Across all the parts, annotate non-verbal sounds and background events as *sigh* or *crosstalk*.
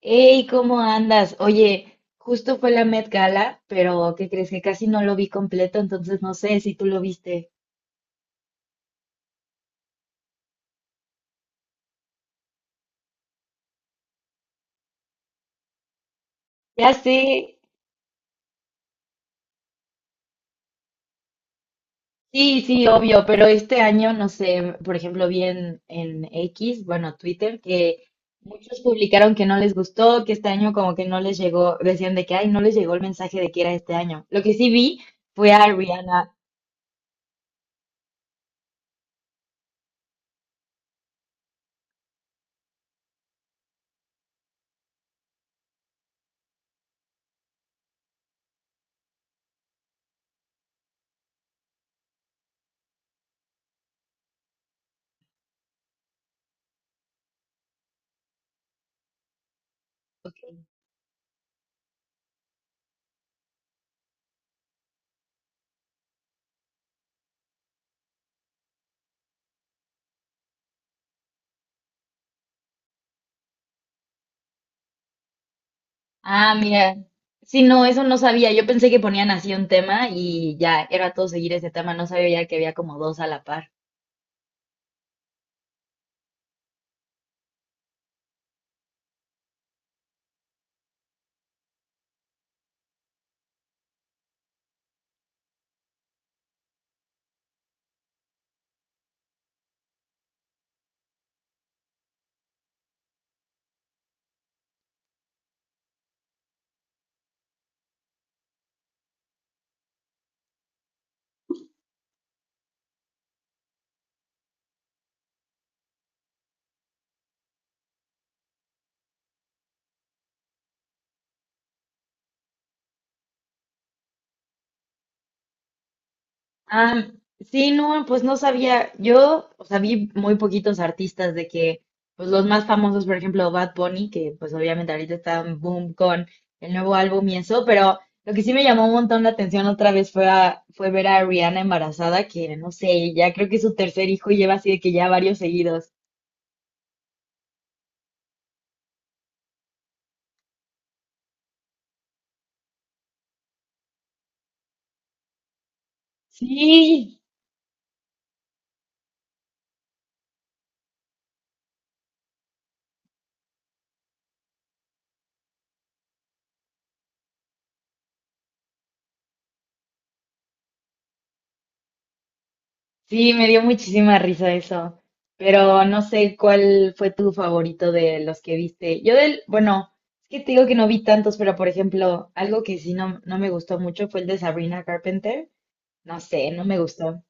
Hey, ¿cómo andas? Oye, justo fue la Met Gala, pero ¿qué crees? Que casi no lo vi completo, entonces no sé si tú lo viste. Ya sé, sí, sí, obvio, pero este año, no sé, por ejemplo, vi en X, bueno, Twitter, que muchos publicaron que no les gustó, que este año como que no les llegó, decían de que, ay, no les llegó el mensaje de que era este año. Lo que sí vi fue a Rihanna. Ok. Ah, mira. Sí, no, eso no sabía. Yo pensé que ponían así un tema y ya era todo seguir ese tema. No sabía ya que había como dos a la par. Ah, sí, no, pues no sabía. Yo, o sea, vi muy poquitos artistas de que, pues los más famosos, por ejemplo, Bad Bunny, que pues obviamente ahorita está en boom con el nuevo álbum y eso, pero lo que sí me llamó un montón la atención otra vez fue, fue ver a Rihanna embarazada, que no sé, ya creo que es su tercer hijo y lleva así de que ya varios seguidos. Sí. Sí, me dio muchísima risa eso, pero no sé cuál fue tu favorito de los que viste. Yo del, bueno, es que te digo que no vi tantos, pero por ejemplo, algo que sí no me gustó mucho fue el de Sabrina Carpenter. No sé, no me gustó.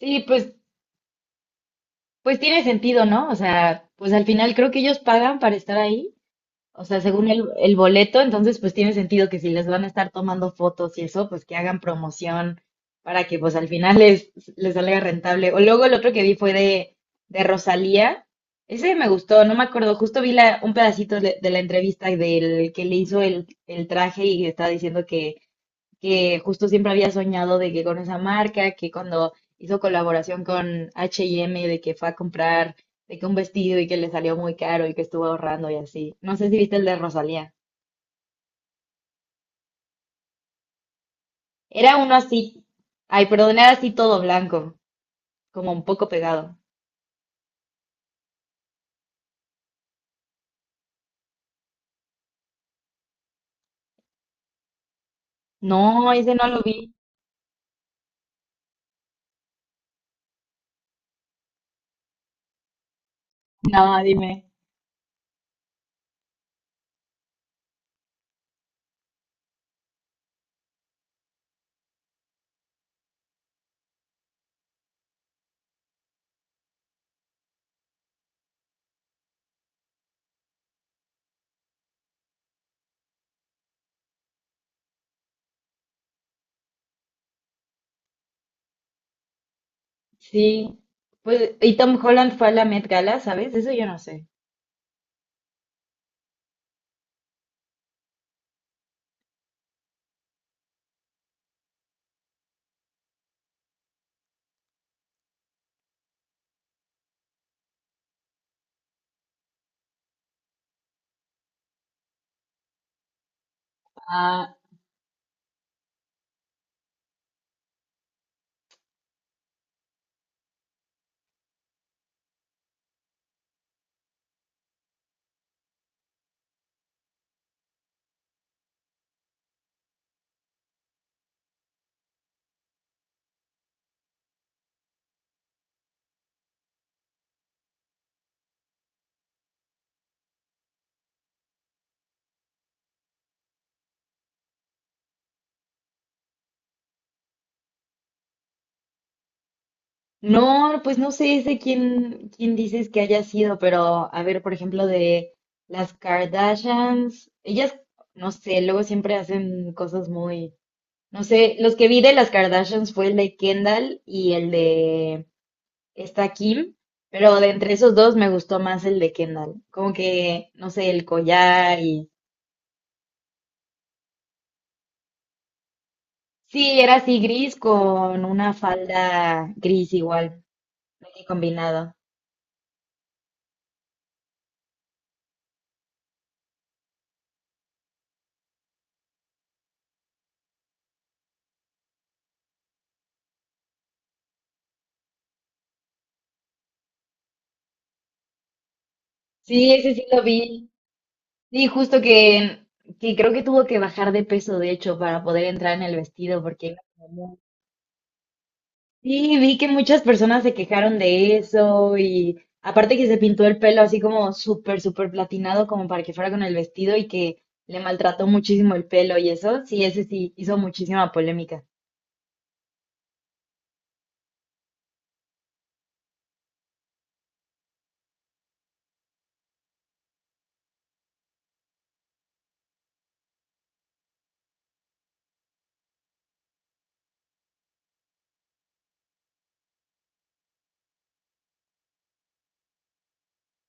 Sí, pues, pues tiene sentido, ¿no? O sea, pues al final creo que ellos pagan para estar ahí. O sea, según el boleto, entonces pues tiene sentido que si les van a estar tomando fotos y eso, pues que hagan promoción para que pues al final les, les salga rentable. O luego el otro que vi fue de Rosalía. Ese me gustó, no me acuerdo, justo vi la, un pedacito de la entrevista del que le hizo el traje y está diciendo que justo siempre había soñado de que con esa marca, que cuando hizo colaboración con H&M, de que fue a comprar, de que un vestido y que le salió muy caro y que estuvo ahorrando y así. No sé si viste el de Rosalía. Era uno así, ay, perdón, era así todo blanco, como un poco pegado. No, ese no lo vi. No, dime. Sí, pues, y Tom Holland fue a la Met Gala, ¿sabes? Eso yo no sé. No, pues no sé de quién dices que haya sido, pero a ver, por ejemplo, de las Kardashians, ellas, no sé, luego siempre hacen cosas muy, no sé, los que vi de las Kardashians fue el de Kendall y el de esta Kim, pero de entre esos dos me gustó más el de Kendall, como que, no sé, el collar y... Sí, era así gris con una falda gris igual, combinado. Sí, ese sí lo vi. Sí, justo que creo que tuvo que bajar de peso, de hecho, para poder entrar en el vestido, porque iba como- sí, vi que muchas personas se quejaron de eso y aparte que se pintó el pelo así como súper, súper platinado, como para que fuera con el vestido y que le maltrató muchísimo el pelo y eso, sí, ese sí hizo muchísima polémica.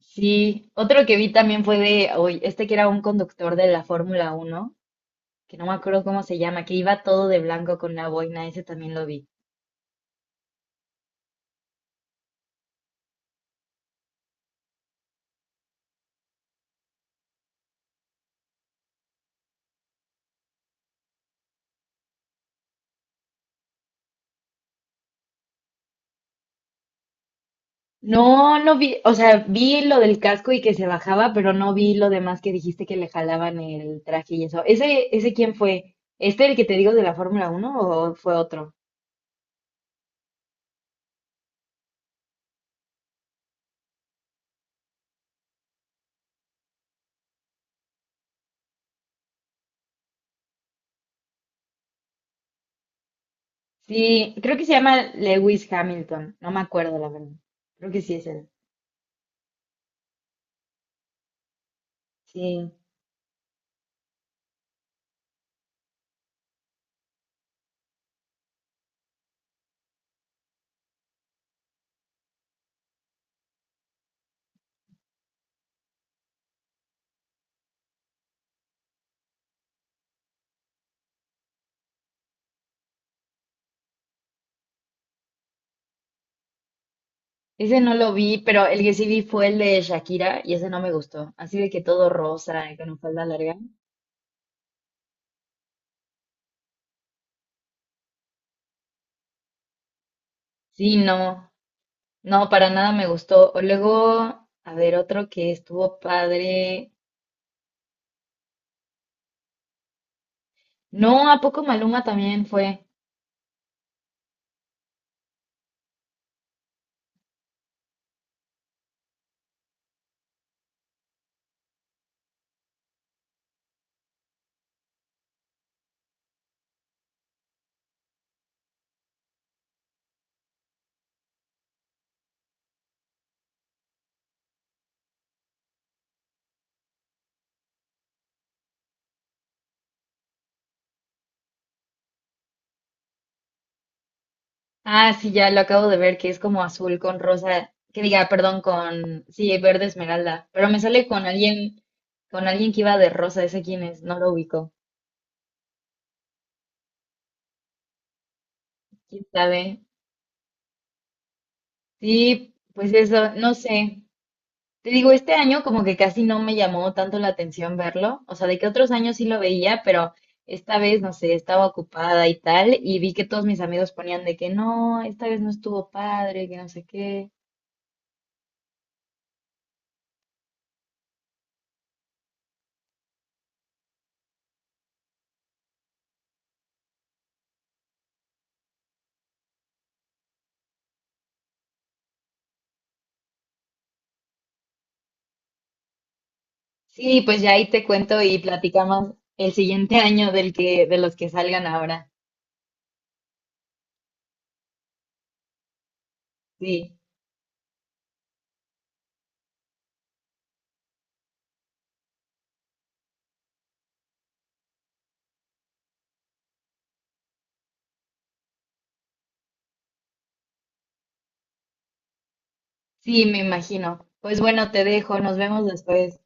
Sí, otro que vi también fue de, hoy, este que era un conductor de la Fórmula Uno que no me acuerdo cómo se llama, que iba todo de blanco con una boina, ese también lo vi. No, no vi, o sea, vi lo del casco y que se bajaba, pero no vi lo demás que dijiste que le jalaban el traje y eso. ¿Ese, ese quién fue? ¿Este el que te digo de la Fórmula uno o fue otro? Sí, creo que se llama Lewis Hamilton, no me acuerdo la verdad. Creo que sí es él. Sí, ese no lo vi, pero el que sí vi fue el de Shakira y ese no me gustó. Así de que todo rosa y con falda larga. Sí, no, para nada me gustó. O luego, a ver, otro que estuvo padre. No, ¿a poco Maluma también fue? Ah, sí, ya lo acabo de ver, que es como azul con rosa, que diga, perdón, con, sí, verde esmeralda, pero me sale con alguien que iba de rosa, ese quién es, no lo ubico, quién sabe. Sí, pues eso, no sé. Te digo, este año como que casi no me llamó tanto la atención verlo, o sea, de que otros años sí lo veía, pero esta vez, no sé, estaba ocupada y tal, y vi que todos mis amigos ponían de que no, esta vez no estuvo padre, que no sé qué. Sí, pues ya ahí te cuento y platicamos el siguiente *laughs* año del que, de los que salgan ahora. Sí, sí, me imagino. Pues bueno, te dejo, nos vemos después.